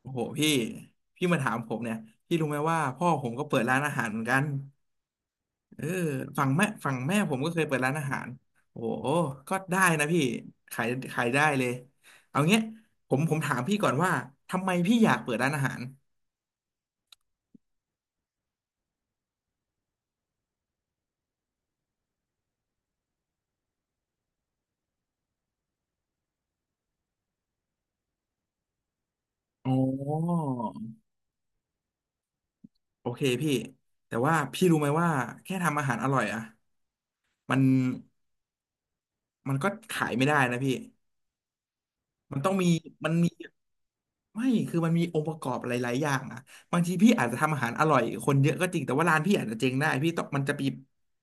โอ้โหพี่มาถามผมเนี่ยพี่รู้ไหมว่าพ่อผมก็เปิดร้านอาหารเหมือนกันเออฝั่งแม่ผมก็เคยเปิดร้านอาหารโอ้โหก็ได้นะพี่ขายได้เลยเอาเงี้ยผมถามพี่ก่อนว่าทำไมพี่อยากเปิดร้านอาหารอ๋อโอเคพี่แต่ว่าพี่รู้ไหมว่าแค่ทำอาหารอร่อยอะมันมันก็ขายไม่ได้นะพี่มันต้องมีมันมี ไม่คือมันมีองค์ประกอบหลายๆอย่างอ่ะบางทีพี่อาจจะทำอาหารอร่อยคนเยอะก็จริง แต่ว่าร้านพี่อาจจะเจ๊งได้พี่ต้องมันจะมี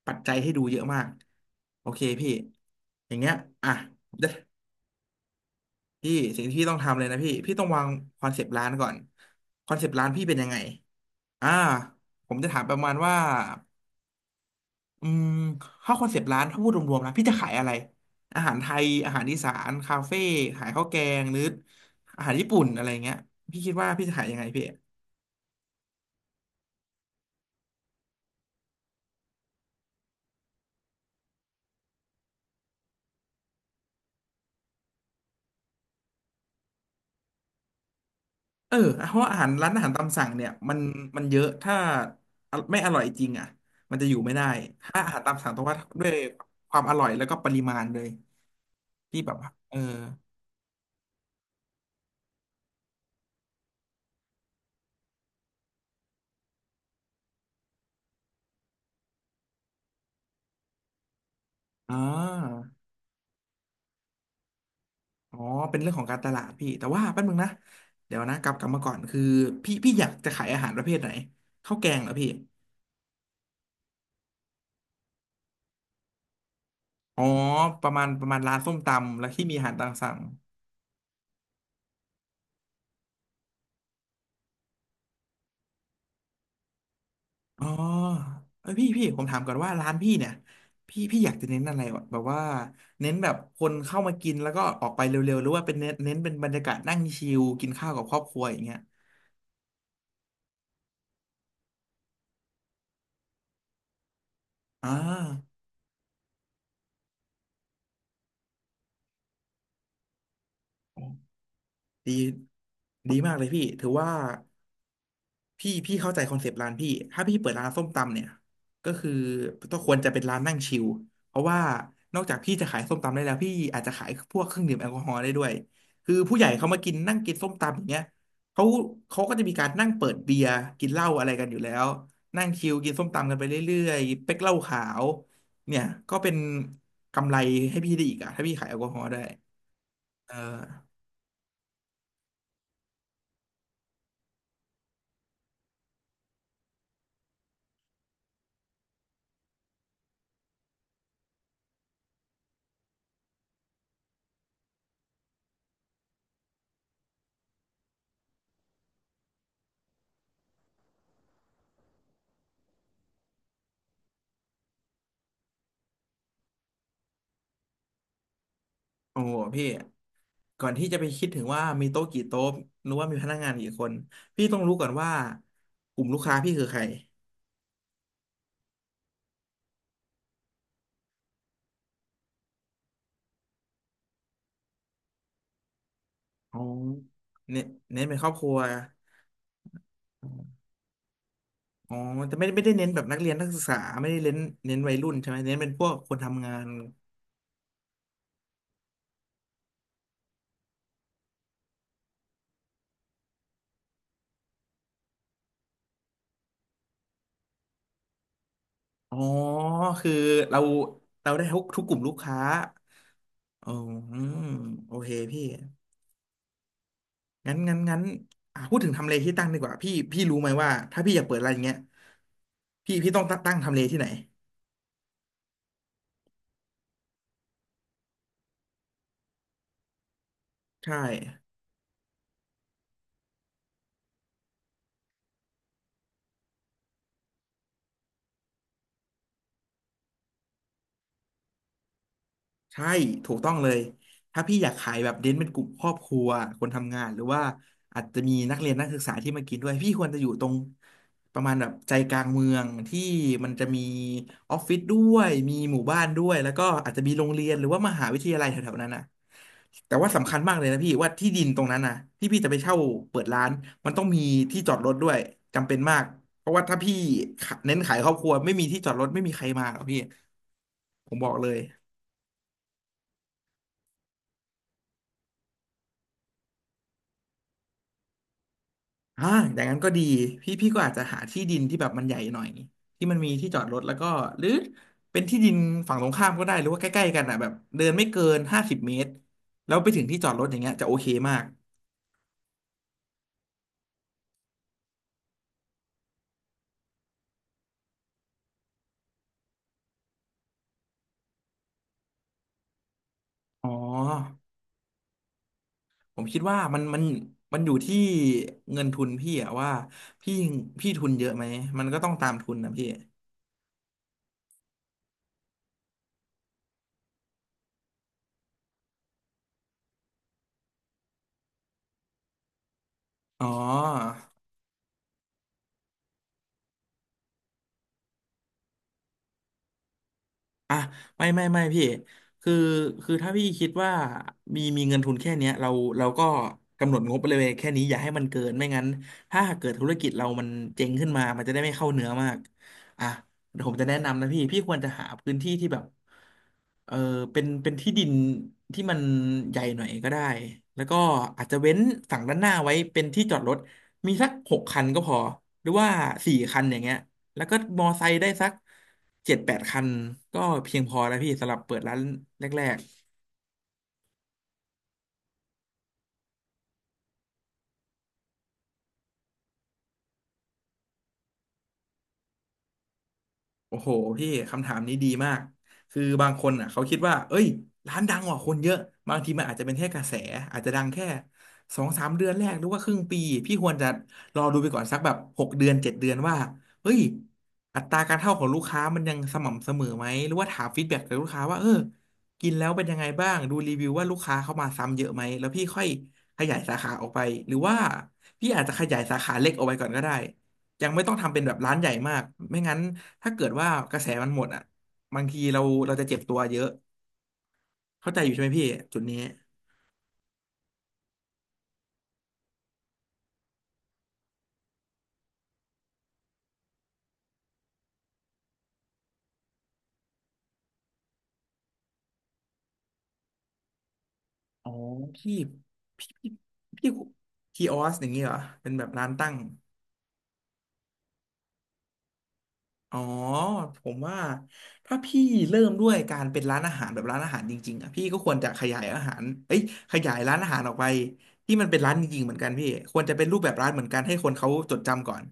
ปัจจัยให้ดูเยอะมากโอเคพี่อย่างเงี้ยอ่ะเดี๋ยวพี่สิ่งที่พี่ต้องทำเลยนะพี่ต้องวางคอนเซปต์ร้านก่อนคอนเซปต์ร้านพี่เป็นยังไงอ่าผมจะถามประมาณว่าอืมถ้าคอนเซปต์ร้านถ้าพูดรวมๆนะพี่จะขายอะไรอาหารไทยอาหารอีสานคาเฟ่ขายข้าวแกงหรืออาหารญี่ปุ่นอะไรเงี้ยพี่คิดว่าพี่จะขายยังไงพี่ เออเพราะอาหารร้านอาหารตามสั่งเนี่ยมันเยอะถ้าไม่อร่อยจริงอ่ะมันจะอยู่ไม่ได้ถ้าอาหารตามสั่งต้องว่าด้วยความอร่อยแล้วก็ปริมาณเลยที่แบบว่าอ่าอ๋อเป็นเรื่องของการตลาดพี่แต่ว่าแป๊บนึงนะเดี๋ยวนะกลับมาก่อนคือพี่อยากจะขายอาหารประเภทไหนข้าวแกงเหรอพี่อ๋อประมาณร้านส้มตำแล้วที่มีอาหารตามสั่ง อ๋อเอ้ยพี่ผมถามก่อนว่าร้านพี่เนี่ยพี่อยากจะเน้นอะไรวะแบบว่าเน้นแบบคนเข้ามากินแล้วก็ออกไปเร็วๆหรือว่าเป็นเน้นเป็นบรรยากาศนั่งชิลกินข้าวกับครอบครัวอย่างเงี้ยอ่าดีดีมากเลยพี่ถือว่า พี่เข้าใจคอนเซปต์ร้านพี่ถ้าพี่เปิดร้านส้มตำเนี่ยก็คือต้องควรจะเป็นร้านนั่งชิลเพราะว่านอกจากพี่จะขายส้มตำได้แล้วพี่อาจจะขายพวกเครื่องดื่มแอลกอฮอล์ได้ด้วยคือผู้ใหญ่เขามากินนั่งกินส้มตำอย่างเงี้ยเขาเขาก็จะมีการนั่งเปิดเบียร์กินเหล้าอะไรกันอยู่แล้ว นั่งชิลกินส้มตำกันไปเรื่อยๆเป๊กเหล้าขาวเนี่ยก็เป็นกำไรให้พี่ได้อีกอะถ้าพี่ขายแอลกอฮอล์ได้เออโอ้โหพี่ ก่อนที่จะไปคิดถึงว่ามีโต๊ะกี่โต๊ะหรือว่ามีพนักงานกี่คนพี่ต้องรู้ก่อนว่ากลุ่มลูกค้าพี่คือใครอ๋อเน้นเน้นเป็นครอบครัวอ๋อแต่ไม่ได้เน้นแบบนักเรียนนักศึกษาไม่ได้เน้นวัยรุ่นใช่ไหมเน้นเป็นพวกคนทำงานอ๋อคือเราเราได้ทุกกลุ่มลูกค้าอ๋ออืมโอเคพี่งั้นอ่ะพูดถึงทำเลที่ตั้งดีกว่าพี่พี่รู้ไหมว่าถ้าพี่อยากเปิดอะไรานอย่างเงี้ยพี่ต้องตั้งทำเลที่ไหนใช่ ใช่ถูกต้องเลยถ้าพี่อยากขายแบบเน้นเป็นกลุ่มครอบครัวคนทำงานหรือว่าอาจจะมีนักเรียนนักศึกษาที่มากินด้วยพี่ควรจะอยู่ตรงประมาณแบบใจกลางเมืองที่มันจะมีออฟฟิศด้วยมีหมู่บ้านด้วยแล้วก็อาจจะมีโรงเรียนหรือว่ามหาวิทยาลัยแถวๆนั้นนะแต่ว่าสำคัญมากเลยนะพี่ว่าที่ดินตรงนั้นนะที่พี่จะไปเช่าเปิดร้านมันต้องมีที่จอดรถด้วยจำเป็นมากเพราะว่าถ้าพี่เน้นขายครอบครัวไม่มีที่จอดรถไม่มีใครมาหรอกพี่ผมบอกเลย อ่าอย่างนั้นก็ดีพี่ก็อาจจะหาที่ดินที่แบบมันใหญ่หน่อยที่มันมีที่จอดรถแล้วก็หรือเป็นที่ดินฝั่งตรงข้ามก็ได้หรือว่าใกล้ๆกันอ่ะแบบเดินไม่เกิน50 เมตรแล้วไปถึงที่จอดรถอย่างเงี้ยจะโอเคมากอ๋อผมคิดว่ามันมันอยู่ที่เงินทุนพี่อะว่าพี่พี่ทุนเยอะไหมมันก็ต้องตามทุนนะพี่อ๋อ อ่ะไม่ไม่ไม่พี่คือคือถ้าพี่คิดว่ามีเงินทุนแค่เนี้ยเราก็กำหนดงบไปเลยแค่นี้อย่าให้มันเกินไม่งั้นถ้าหากเกิดธุรกิจเรามันเจ๊งขึ้นมามันจะได้ไม่เข้าเนื้อมากอ่ะเดี๋ยวผมจะแนะนำนะพี่ควรจะหาพื้นที่ที่แบบเออเป็นที่ดินที่มันใหญ่หน่อยก็ได้แล้วก็อาจจะเว้นฝั่งด้านหน้าไว้เป็นที่จอดรถมีสักหกคันก็พอหรือว่าสี่คันอย่างเงี้ย แล้วก็มอไซค์ได้สักเจ็ดแปดคันก็เพียงพอแล้วพี่สำหรับเปิดร้านแรก โอ้โหพี่คำถามนี้ดีมากคือบางคนอ่ะเขาคิดว่าเอ้ยร้านดังกว่าคนเยอะบางทีมันอาจจะเป็นแค่กระแสอาจจะดังแค่สองสามเดือนแรกหรือว่าครึ่งปีพี่ควรจะรอดูไปก่อนสักแบบหกเดือนเจ็ดเดือนว่าเฮ้ยอัตราการเข้าของลูกค้ามันยังสม่ำเสมอไหมหรือว่าถามฟีดแบ็กจากลูกค้าว่าเออกินแล้วเป็นยังไงบ้างดูรีวิวว่าลูกค้าเข้ามาซ้ำเยอะไหมแล้วพี่ค่อยขยายสาขาออกไปหรือว่าพี่อาจจะขยายสาขาเล็กออกไปก่อนก็ได้ ยังไม่ต้องทำเป็นแบบร้านใหญ่มาก ไม่งั้นถ้าเกิดว่ากระแสมันหมดอ่ะ บางทีเราจะเจ็บตัวเยอะ เข้าใจอยู่ใช่ไหมพี่จุดนี้อ๋อพี่พี่พี่คีออสอย่างนี้เหรอเป็นแบบร้านตั้งอ๋อผมว่าถ้าพี่เริ่มด้วยการเป็นร้านอาหารแบบร้านอาหารจริงๆอ่ะพี่ก็ควรจะขยายอาหารเอ้ยขยายร้านอาหารออกไปที่มันเป็นร้านจริงๆเหมือนกันพี่ควรจะเป็นรูปแบบร้านเหมือนกันให้คนเขาจดจำก่อน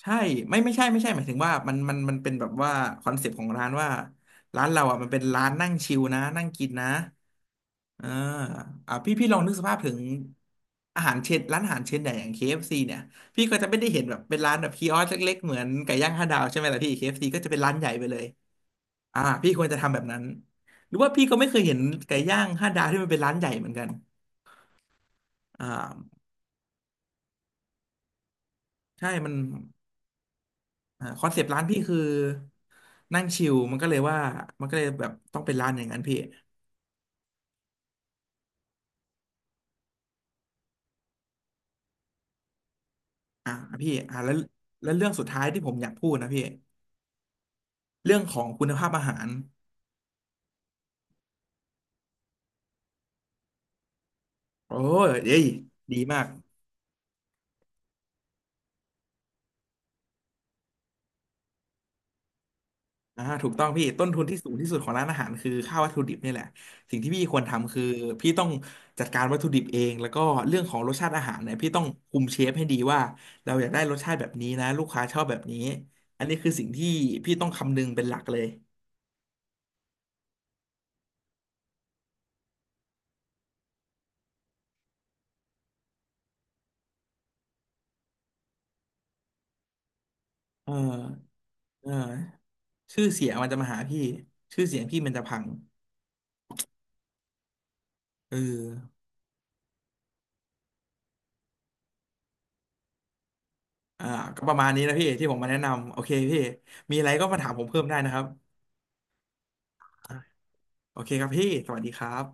ใช่ไม่ไม่ใช่ไม่ใช่หมายถึงว่ามันเป็นแบบว่าคอนเซปต์ของร้านว่าร้านเราอ่ะมันเป็นร้านนั่งชิลนะนั่งกินนะเอออ่ะพี่ลองนึกสภาพถึงอาหารเชนร้านอาหารเชนใหญ่อย่างเคเอฟซีเนี่ยพี่ก็จะไม่ได้เห็นแบบเป็นร้านแบบคีออสเล็กๆเหมือนไก่ย่างห้าดาวใช่ไหมล่ะพี่ KFC ก็จะเป็นร้านใหญ่ไปเลยอ่าพี่ควรจะทำแบบนั้นหรือว่าพี่ก็ไม่เคยเห็นไก่ย่างห้าดาวที่มันเป็นร้านใหญ่เหมือนกันอ่าใช่มัน อ่าคอนเซปต์ร้านพี่คือนั่งชิลมันก็เลยว่ามันก็เลยแบบต้องเป็นร้านอย่างนั้นพี่อ่าพี่อ่าแล้วเรื่องสุดท้ายที่ผมอยากพูดนะพี่เรื่องของคุณภาพอาหารโอ้ยเอ้ยดีมากอ่าถูกต้องพี่ต้นทุนที่สูงที่สุดของร้านอาหารคือค่าวัตถุดิบนี่แหละสิ่งที่พี่ควรทำคือพี่ต้องจัดการวัตถุดิบเองแล้วก็เรื่องของรสชาติอาหารเนี่ยพี่ต้องคุมเชฟให้ดีว่าเราอยากได้รสชาติแบบนี้นะลูกค้าชอบแบบนี้อันนี้คือสิ่งที่พี่ต้องคำนึงเป็นหลักเลยเออเออ ชื่อเสียงมันจะมาหาพี่ชื่อเสียงพี่มันจะพังเอออ่าก็ประมาณนี้นะพี่ที่ผมมาแนะนำโอเคพี่มีอะไรก็มาถามผมเพิ่มได้นะครับโอเคครับพี่สวัสดีครับ